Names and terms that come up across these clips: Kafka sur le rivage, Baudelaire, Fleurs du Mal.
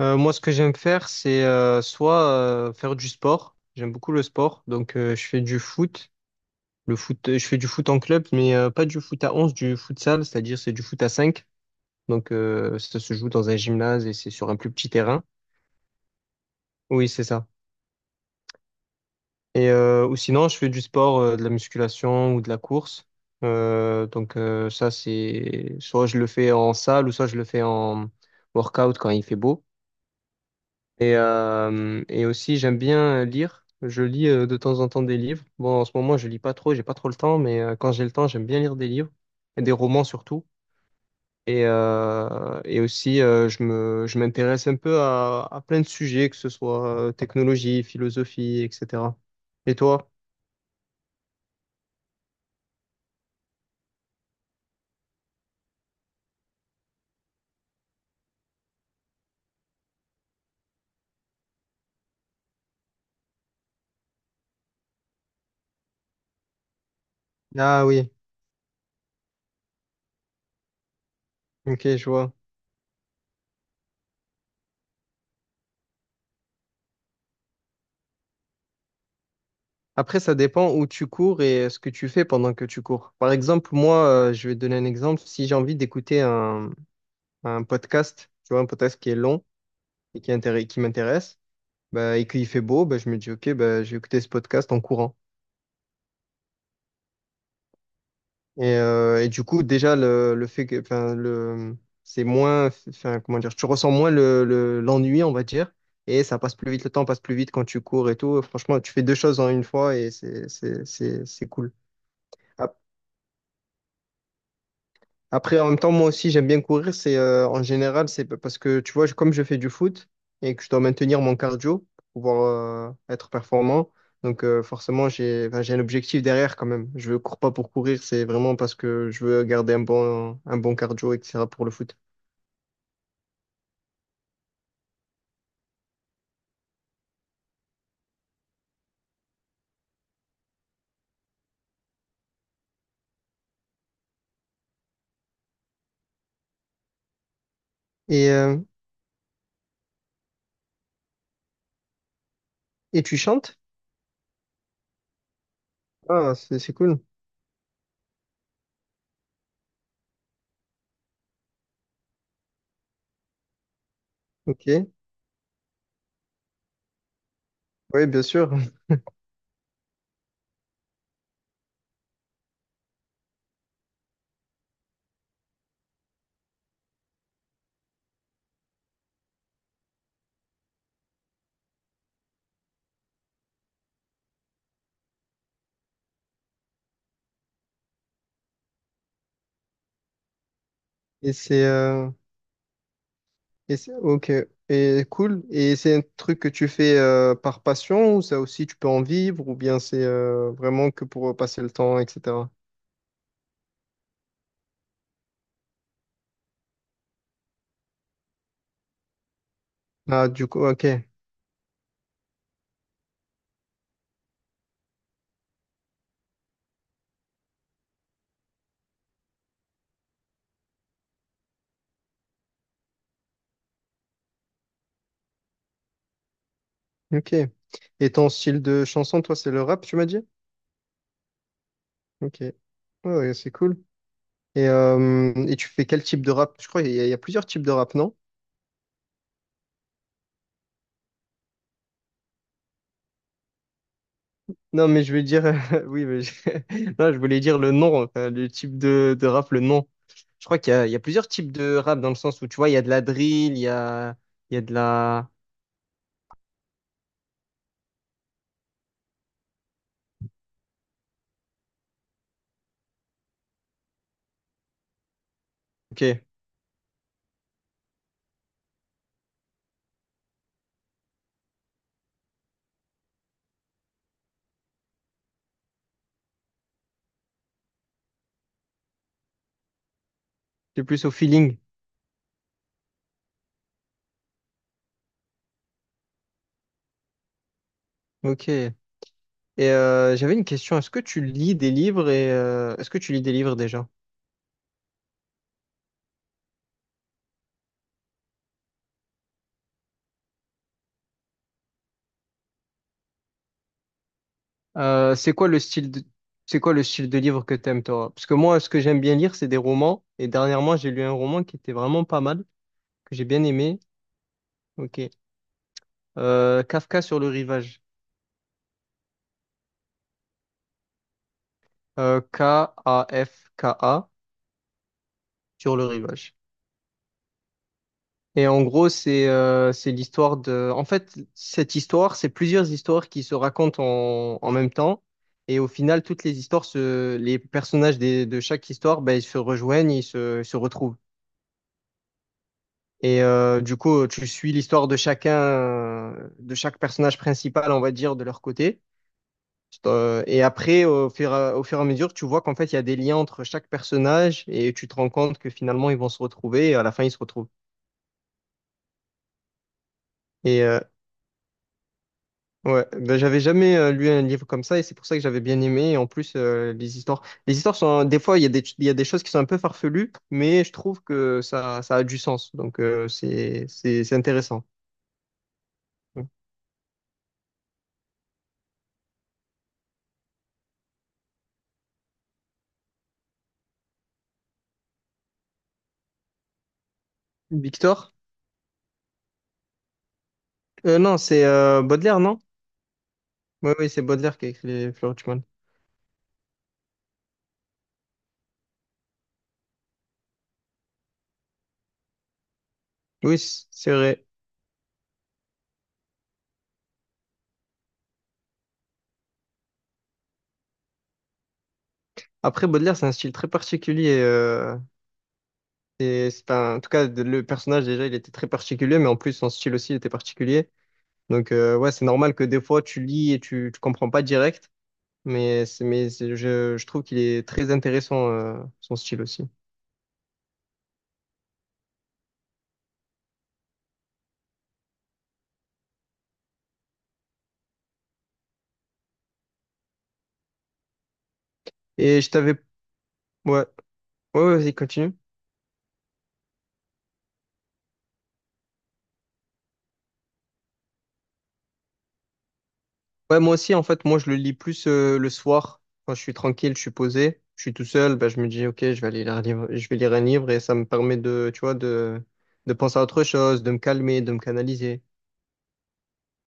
Moi, ce que j'aime faire, c'est soit faire du sport. J'aime beaucoup le sport, donc je fais du foot. Le foot, je fais du foot en club, mais pas du foot à 11, du futsal, c'est-à-dire c'est du foot à 5. Donc ça se joue dans un gymnase et c'est sur un plus petit terrain. Oui, c'est ça. Ou sinon, je fais du sport, de la musculation ou de la course. Donc ça, c'est soit je le fais en salle ou soit je le fais en workout quand il fait beau. Et aussi, j'aime bien lire. Je lis de temps en temps des livres. Bon, en ce moment, je lis pas trop, j'ai pas trop le temps, mais quand j'ai le temps, j'aime bien lire des livres, et des romans surtout. Et aussi, je m'intéresse un peu à plein de sujets, que ce soit technologie, philosophie, etc. Et toi? Ah oui, ok, je vois. Après, ça dépend où tu cours et ce que tu fais pendant que tu cours. Par exemple, moi, je vais te donner un exemple. Si j'ai envie d'écouter un podcast, tu vois, un podcast qui est long, et qui qui m'intéresse, bah, et qu'il fait beau, bah, je me dis, OK, bah, je vais écouter ce podcast en courant. Et du coup, déjà, le fait que, enfin, le, c'est moins, enfin, comment dire, tu ressens moins l'ennui, on va dire, et ça passe plus vite, le temps passe plus vite quand tu cours et tout. Franchement, tu fais deux choses en une fois et c'est cool. Après, en même temps, moi aussi, j'aime bien courir. C'est en général, c'est parce que tu vois, comme je fais du foot et que je dois maintenir mon cardio pour pouvoir être performant, donc forcément, j'ai un objectif derrière quand même. Je ne cours pas pour courir, c'est vraiment parce que je veux garder un bon cardio, etc. pour le foot. Et, euh, et tu chantes? Ah, c'est cool. Ok. Oui, bien sûr. Et c'est euh, Et ok, et cool. Et c'est un truc que tu fais par passion ou ça aussi tu peux en vivre ou bien c'est vraiment que pour passer le temps, etc. Ah, du coup, ok, ok. Et ton style de chanson, toi, c'est le rap, tu m'as dit? Ok, ouais, ouais, c'est cool. Et tu fais quel type de rap? Je crois qu'il y, a il y a plusieurs types de rap, non? Non, mais je veux dire, oui, mais je... non, je voulais dire le nom, enfin, le type de rap, le nom. Je crois qu'il y a, il y a plusieurs types de rap dans le sens où tu vois, il y a de la drill, il y a de la. Ok, c'est plus au feeling. Ok. Et j'avais une question. Est-ce que tu lis des livres et est-ce que tu lis des livres déjà? Euh, c'est quoi le style de c'est quoi le style de livre que t'aimes toi? Parce que moi, ce que j'aime bien lire, c'est des romans. Et dernièrement, j'ai lu un roman qui était vraiment pas mal, que j'ai bien aimé. Ok. Kafka sur le rivage. K-A-F-K-A sur le rivage. Et en gros, c'est l'histoire de... En fait, cette histoire, c'est plusieurs histoires qui se racontent en même temps. Et au final, toutes les histoires, se... les personnages de chaque histoire, ben, ils se rejoignent, se retrouvent. Et du coup, tu suis l'histoire de chacun, de chaque personnage principal, on va dire, de leur côté. Et après, au fur et à mesure, tu vois qu'en fait, il y a des liens entre chaque personnage et tu te rends compte que finalement, ils vont se retrouver et à la fin, ils se retrouvent. Et, ouais, ben, j'avais jamais lu un livre comme ça et c'est pour ça que j'avais bien aimé. Et en plus, les histoires sont des fois il y a des il y a des choses qui sont un peu farfelues, mais je trouve que ça a du sens. Donc c'est intéressant. Ouais. Victor? Non, c'est Baudelaire, non? Oui, oui, c'est Baudelaire qui a écrit les Fleurs du Mal. Oui, c'est vrai. Après, Baudelaire, c'est un style très particulier. Et en tout cas, le personnage, déjà, il était très particulier, mais en plus, son style aussi, il était particulier. Donc, ouais, c'est normal que des fois, tu lis et tu comprends pas direct. Mais je trouve qu'il est très intéressant, son style aussi. Et je t'avais... Ouais, ouais, ouais, vas-y, continue. Ouais, moi aussi, en fait, moi, je le lis plus le soir, quand je suis tranquille, je suis posé, je suis tout seul, bah, je me dis, OK, je vais aller lire un livre, je vais lire un livre et ça me permet tu vois, de penser à autre chose, de me calmer, de me canaliser,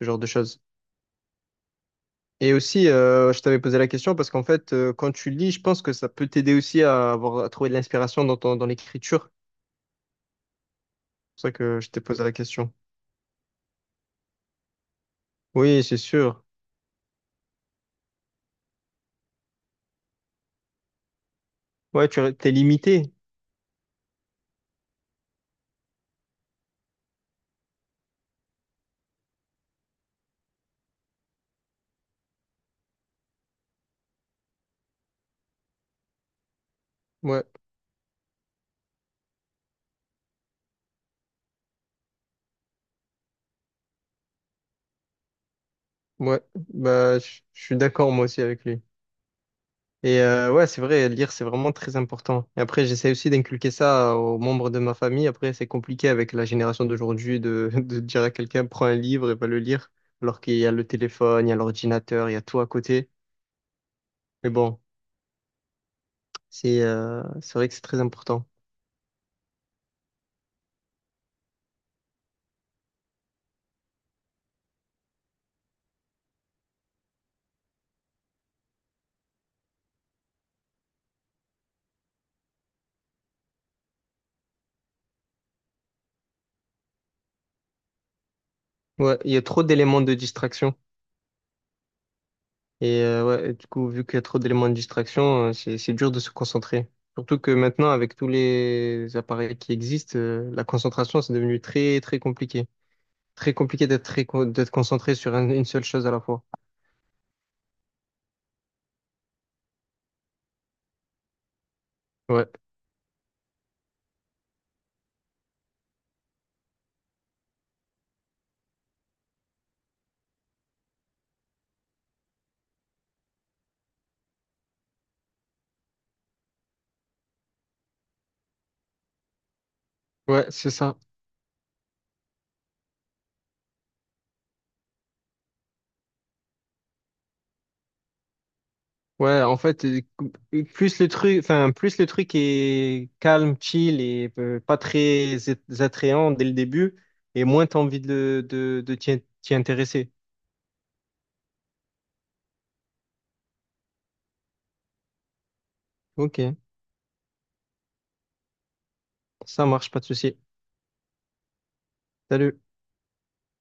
ce genre de choses. Et aussi, je t'avais posé la question parce qu'en fait, quand tu lis, je pense que ça peut t'aider aussi à avoir, à trouver de l'inspiration dans ton, dans l'écriture. C'est pour ça que je t'ai posé la question. Oui, c'est sûr. Ouais, tu es limité. Ouais, ouais. Bah, je suis d'accord moi aussi avec lui. Et ouais, c'est vrai, lire, c'est vraiment très important. Et après, j'essaie aussi d'inculquer ça aux membres de ma famille. Après, c'est compliqué avec la génération d'aujourd'hui de dire à quelqu'un, prends un livre et va le lire, alors qu'il y a le téléphone, il y a l'ordinateur, il y a tout à côté. Mais bon, c'est vrai que c'est très important. Ouais, il y a trop d'éléments de distraction. Et ouais, et du coup, vu qu'il y a trop d'éléments de distraction, c'est dur de se concentrer. Surtout que maintenant, avec tous les appareils qui existent, la concentration, c'est devenu très, très compliqué. Très compliqué d'être d'être concentré sur une seule chose à la fois. Ouais, ouais, c'est ça. Ouais, en fait, plus le truc est calme, chill et pas très attrayant dès le début, et moins t'as envie de t'y intéresser. Ok, ça marche, pas de souci. Salut.